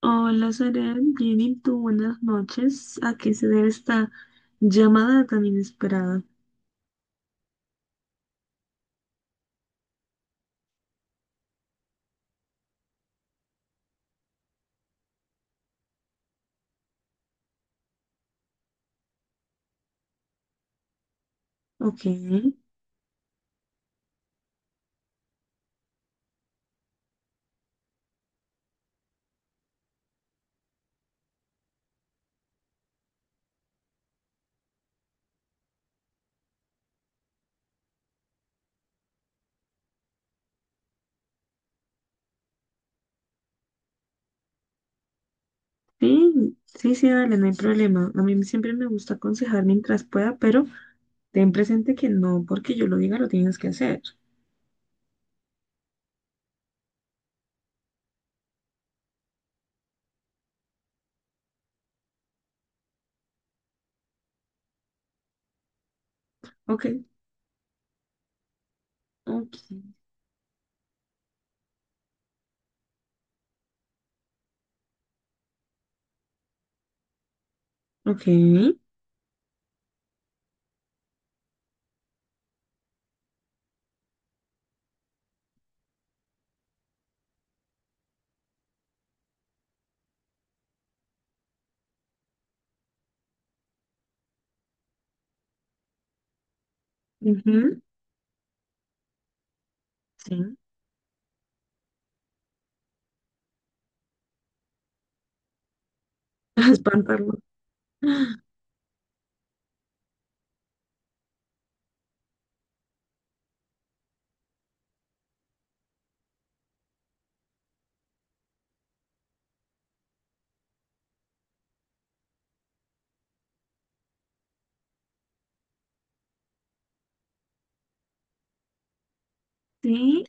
Hola, Serén, bien y tú, buenas noches. ¿A qué se debe esta llamada tan inesperada? Ok, sí, sí, sí, dale, no hay problema. A mí siempre me gusta aconsejar mientras pueda, pero ten presente que no porque yo lo diga lo tienes que hacer. Ok, ok, ok, ujú, sí, espantarlo. Sí,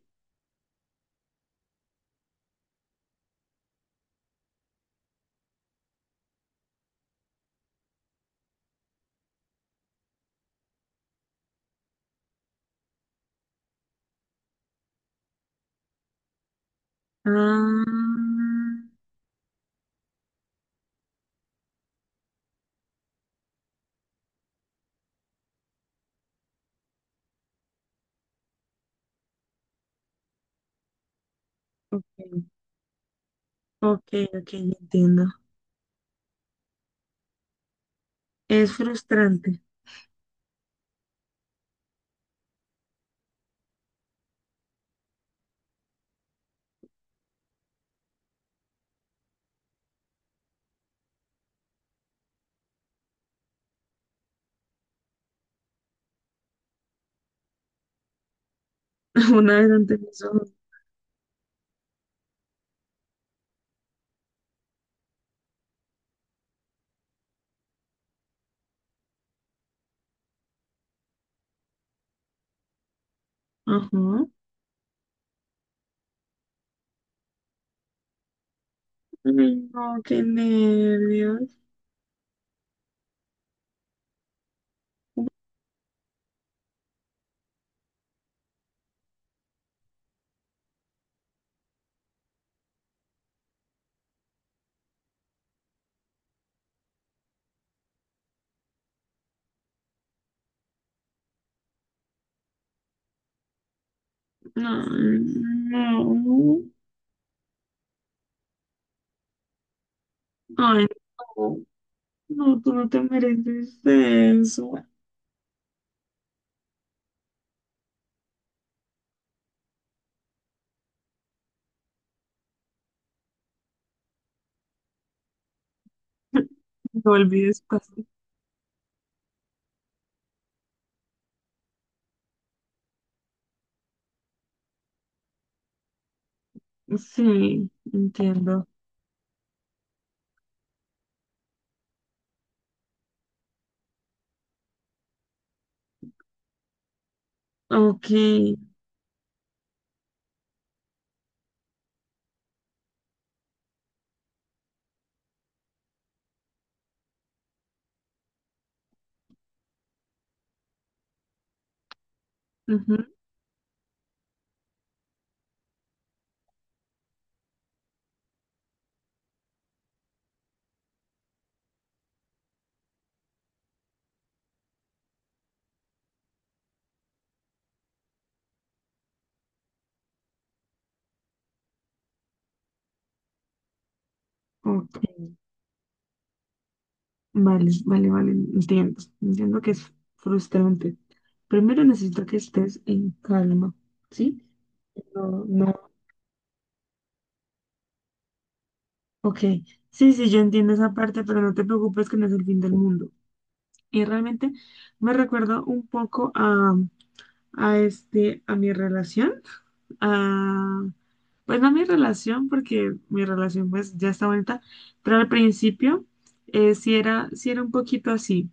ah, ok, ok, ok, entiendo. Es frustrante. Una vez antes de eso, ajá. Ay, no, qué nervios. No, no. Ay, no. No, tú no te mereces eso. No olvides pasar. Sí, entiendo. Ok. Ujú, ok. Vale, vale, vale. Entiendo. Entiendo que es frustrante. Primero necesito que estés en calma. ¿Sí? No, no. Ok. Sí, sí, yo entiendo esa parte, pero no te preocupes que no es el fin del mundo. Y realmente me recuerda un poco a este, a mi relación, a, pues no a mi relación, porque mi relación pues ya está bonita, pero al principio sí era un poquito así.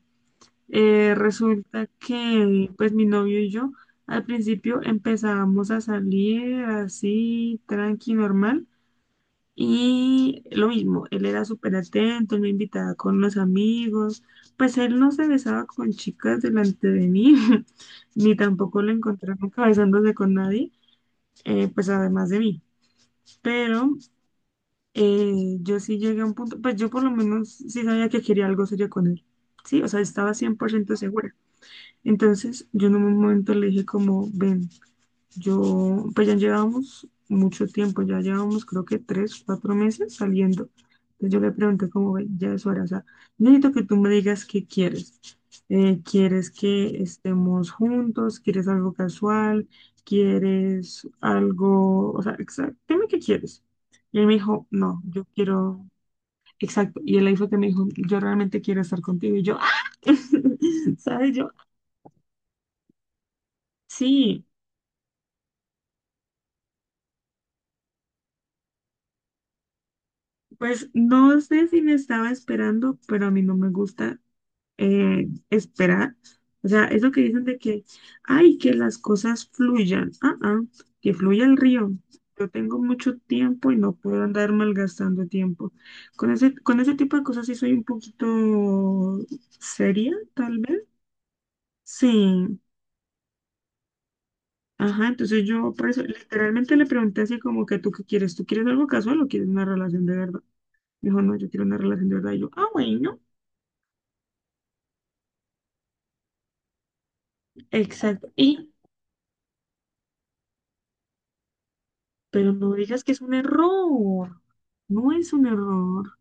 Resulta que pues mi novio y yo al principio empezábamos a salir así, tranqui, normal. Y lo mismo, él era súper atento, él me invitaba con los amigos, pues él no se besaba con chicas delante de mí, ni tampoco lo encontré nunca besándose con nadie, pues además de mí. Pero yo sí llegué a un punto, pues yo por lo menos sí sabía que quería algo serio con él, sí, o sea, estaba 100% segura. Entonces yo en un momento le dije como, ven. Yo, pues ya llevábamos mucho tiempo, ya llevábamos creo que 3, 4 meses saliendo. Entonces yo le pregunté como, "Ve, ya es hora, o sea, necesito que tú me digas qué quieres. ¿Quieres que estemos juntos? ¿Quieres algo casual? ¿Quieres algo? O sea, exacto, dime qué quieres. Y él me dijo, no, yo quiero, exacto. Y él ahí fue que me dijo, yo realmente quiero estar contigo. Y yo, ¡ah! ¿sabes? Yo, sí. Pues no sé si me estaba esperando, pero a mí no me gusta esperar. O sea, eso que dicen de que, ay, que las cosas fluyan. Que fluya el río. Yo tengo mucho tiempo y no puedo andar malgastando tiempo. Con ese tipo de cosas sí soy un poquito seria, tal vez. Sí. Ajá, entonces yo por eso literalmente le pregunté así como que tú qué quieres, ¿tú quieres algo casual o quieres una relación de verdad? Dijo, no, yo quiero una relación de verdad. Y yo, ah, bueno. Exacto. Pero no digas que es un error. No es un error.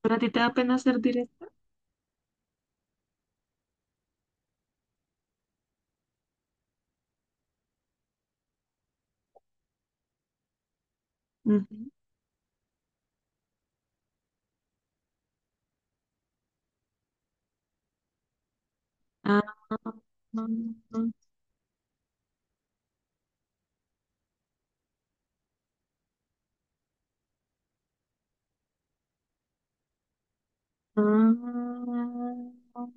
¿Pero a ti te da pena ser directa? Ujú. Ah, ah.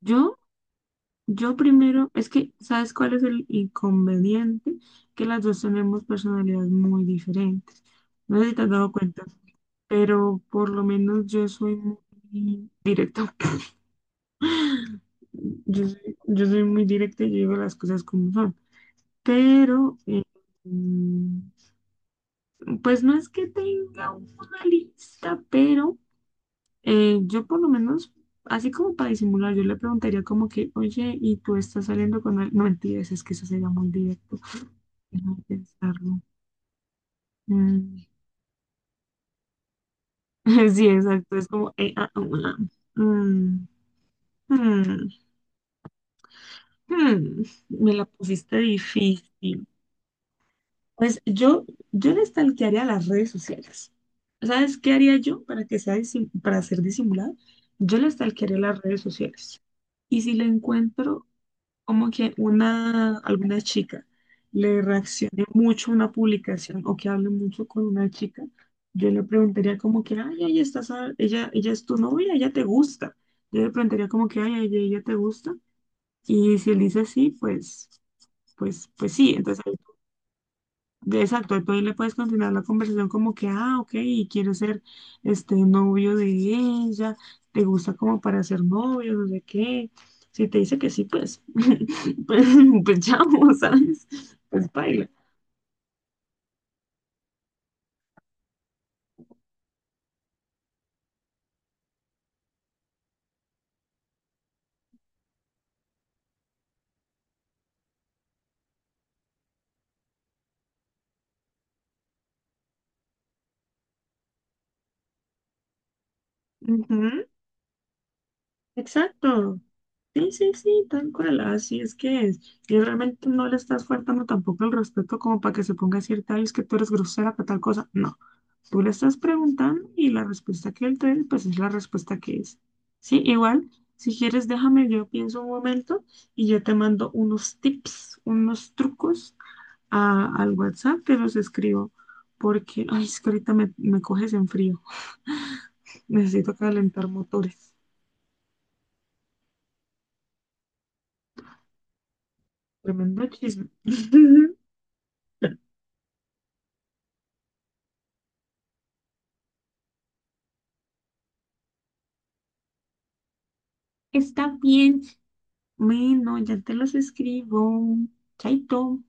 Yo, yo primero, es que, ¿sabes cuál es el inconveniente? Que las dos tenemos personalidades muy diferentes. No sé si te has dado cuenta, pero por lo menos yo soy muy directa. Yo soy muy directa y yo digo las cosas como son. Pero mm, pues no es que tenga una lista, pero yo por lo menos, así como para disimular, yo le preguntaría como que, oye, ¿y tú estás saliendo con él? No mentiras, es que eso sería muy directo. Déjame pensarlo. Mm, sí, exacto, es como, mm, mm, mm, me la pusiste difícil. Pues yo le stalkearía las redes sociales. ¿Sabes qué haría yo para ser disimulado? Yo le stalkearía las redes sociales. Y si le encuentro como que alguna chica le reaccione mucho a una publicación o que hable mucho con una chica, yo le preguntaría como que, ay, ella, ella es tu novia, ella te gusta. Yo le preguntaría como que, ay, ella te gusta. Y si él dice sí, pues sí. Entonces exacto, tú ahí le puedes continuar la conversación como que, ah, ok, quiero ser este novio de ella, te gusta como para ser novio, no sé qué. Si te dice que sí, pues, pues, pues chao, ¿sabes? Pues baila. Exacto. Sí, sí, sí, tal cual. Así es que es. Y realmente no le estás faltando tampoco el respeto como para que se ponga a decirte, "Ay, es que tú eres grosera para tal cosa. No. Tú le estás preguntando y la respuesta que él te dé, pues es la respuesta que es. Sí, igual, si quieres, déjame, yo pienso un momento y yo te mando unos tips, unos trucos al WhatsApp, te los escribo. Porque, ay, es que ahorita me coges en frío. Necesito calentar motores. Tremendo chisme. Está bien. Bueno, ya te los escribo. Chaito.